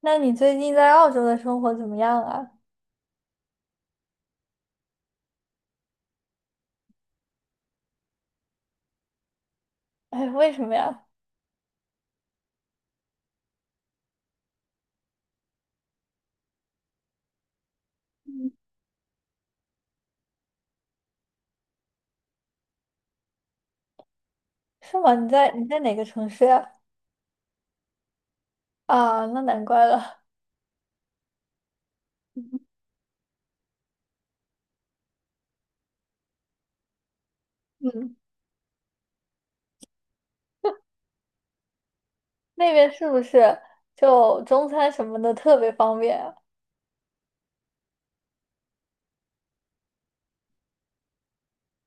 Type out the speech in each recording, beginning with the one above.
那你最近在澳洲的生活怎么样啊？哎，为什么呀？嗯，是吗？你在哪个城市呀？啊，那难怪了。嗯，那边是不是就中餐什么的特别方便啊？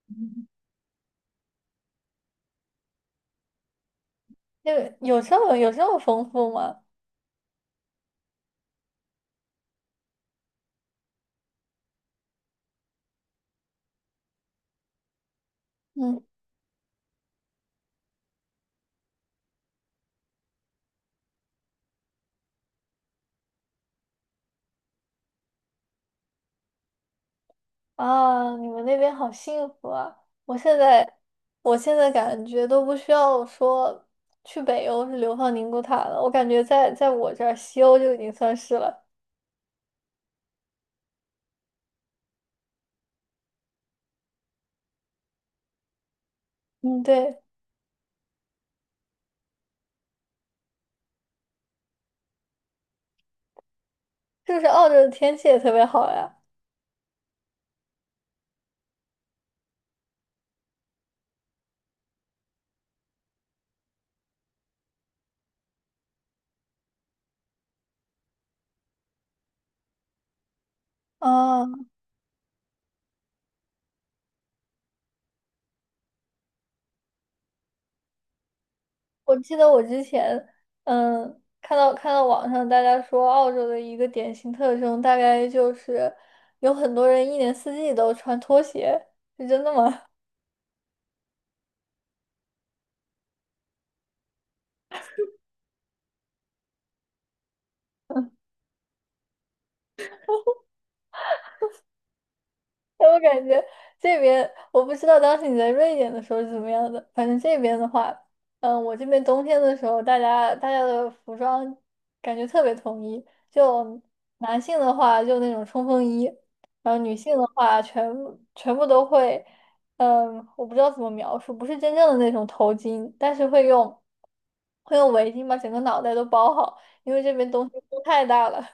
嗯，那个有这么丰富吗？嗯。啊，你们那边好幸福啊！我现在我现在感觉都不需要说去北欧是流放宁古塔了，我感觉在我这儿西欧就已经算是了。嗯，对。就是澳洲的天气也特别好呀？啊，我记得我之前，嗯，看到网上大家说澳洲的一个典型特征，大概就是有很多人一年四季都穿拖鞋，是真的吗？我感觉这边我不知道当时你在瑞典的时候是怎么样的，反正这边的话，嗯，我这边冬天的时候，大家的服装感觉特别统一，就男性的话就那种冲锋衣，然后女性的话全部都会，嗯，我不知道怎么描述，不是真正的那种头巾，但是会用围巾把整个脑袋都包好，因为这边冬天风太大了。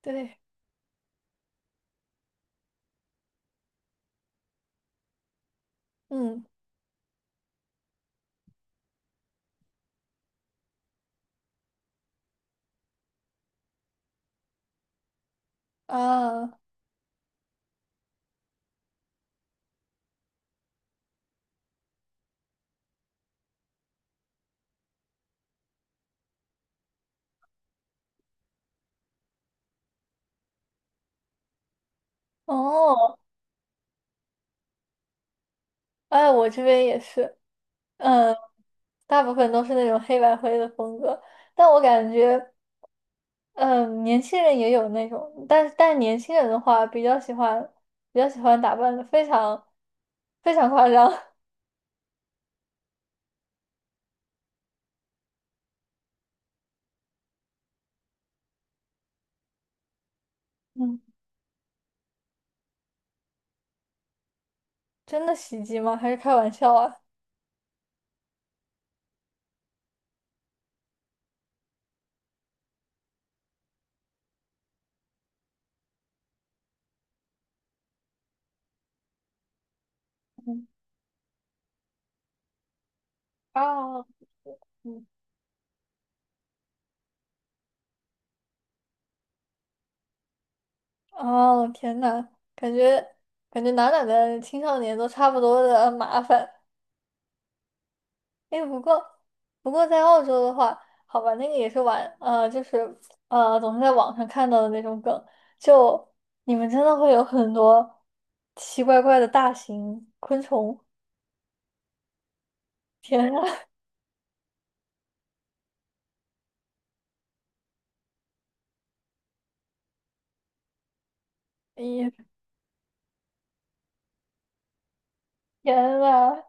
对，嗯啊，哦。哎，我这边也是，嗯，大部分都是那种黑白灰的风格，但我感觉，嗯，年轻人也有那种，但年轻人的话，比较喜欢，比较喜欢打扮的非常非常夸张，嗯，真的袭击吗？还是开玩笑啊？嗯啊，嗯，哦，天呐，感觉感觉哪的青少年都差不多的麻烦。哎，不过在澳洲的话，好吧，那个也是玩，就是总是在网上看到的那种梗，就你们真的会有很多奇怪怪的大型昆虫。天啊，咦，天呐，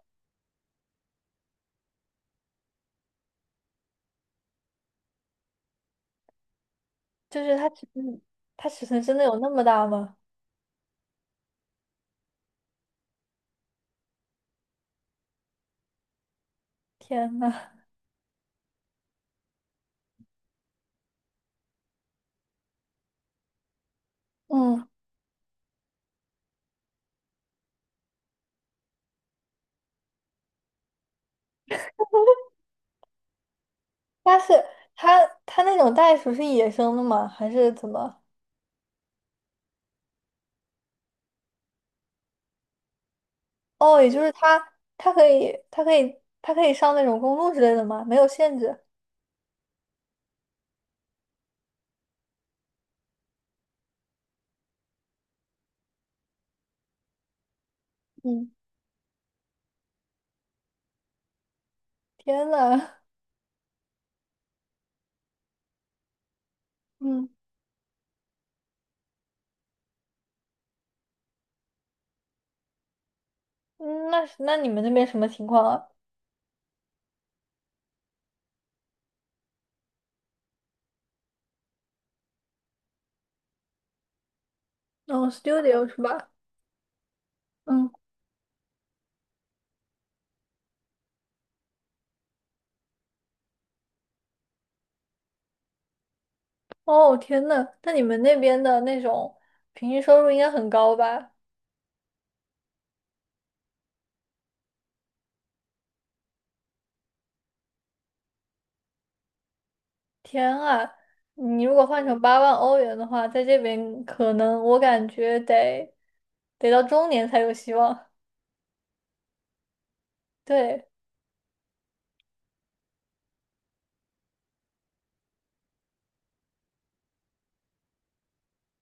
就是它尺寸，它尺寸真的有那么大吗？天呐，嗯，但是它那种袋鼠是野生的吗？还是怎么？哦，也就是它可以上那种公路之类的吗？没有限制。嗯。天呐，嗯，嗯，那你们那边什么情况啊？哦，studio 是吧？嗯。哦，天呐，那你们那边的那种平均收入应该很高吧？天啊，你如果换成8万欧元的话，在这边可能我感觉得到中年才有希望。对。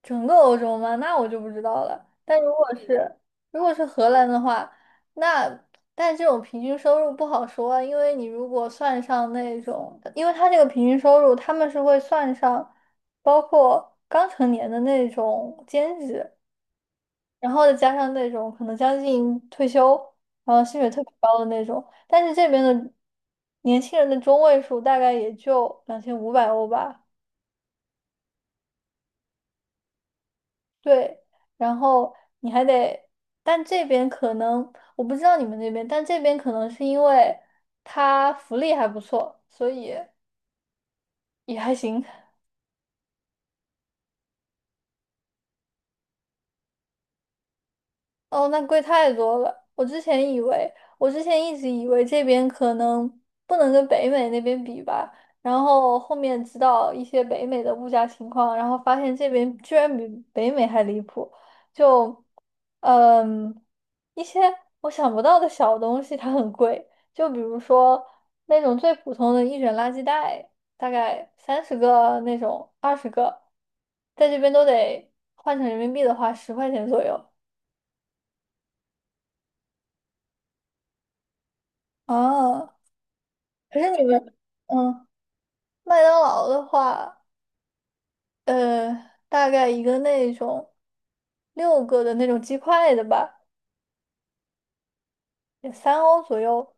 整个欧洲吗？那我就不知道了。但如果是荷兰的话，那但这种平均收入不好说啊，因为你如果算上那种，因为他这个平均收入他们是会算上包括刚成年的那种兼职，然后再加上那种可能将近退休，然后薪水特别高的那种。但是这边的年轻人的中位数大概也就2500欧吧。对，然后你还得，但这边可能我不知道你们那边，但这边可能是因为它福利还不错，所以也还行。哦，那贵太多了。我之前以为，我之前一直以为这边可能不能跟北美那边比吧，然后后面知道一些北美的物价情况，然后发现这边居然比北美还离谱。就，嗯，一些我想不到的小东西它很贵，就比如说那种最普通的一卷垃圾袋，大概30个那种，20个，在这边都得换成人民币的话，10块钱左右。啊，可是你们，嗯，麦当劳的话，呃，大概一个那种6个的那种鸡块的吧，也3欧左右，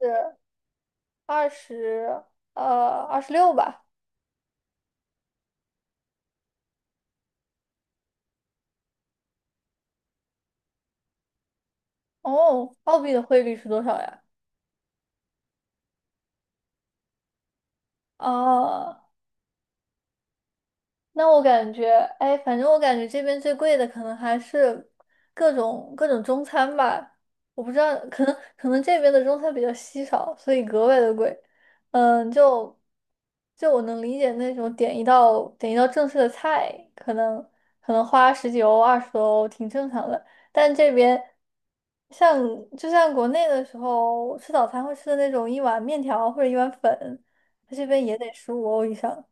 是二十，26吧。哦，澳币的汇率是多少呀？啊，那我感觉，哎，反正我感觉这边最贵的可能还是各种中餐吧。我不知道，可能这边的中餐比较稀少，所以格外的贵。嗯，就我能理解那种点一道正式的菜，可能花十几欧、20多欧挺正常的。但这边像就像国内的时候吃早餐会吃的那种一碗面条或者一碗粉，它这边也得15欧以上。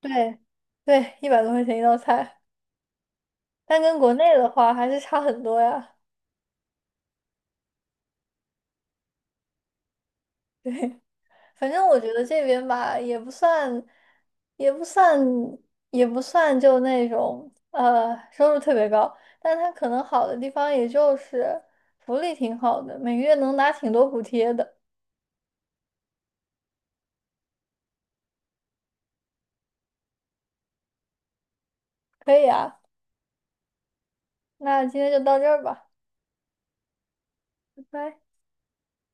对对，100多块钱一道菜，但跟国内的话还是差很多呀。反正我觉得这边吧，也不算，也不算就那种收入特别高，但它可能好的地方也就是福利挺好的，每个月能拿挺多补贴的。可以啊，那今天就到这儿吧，拜拜。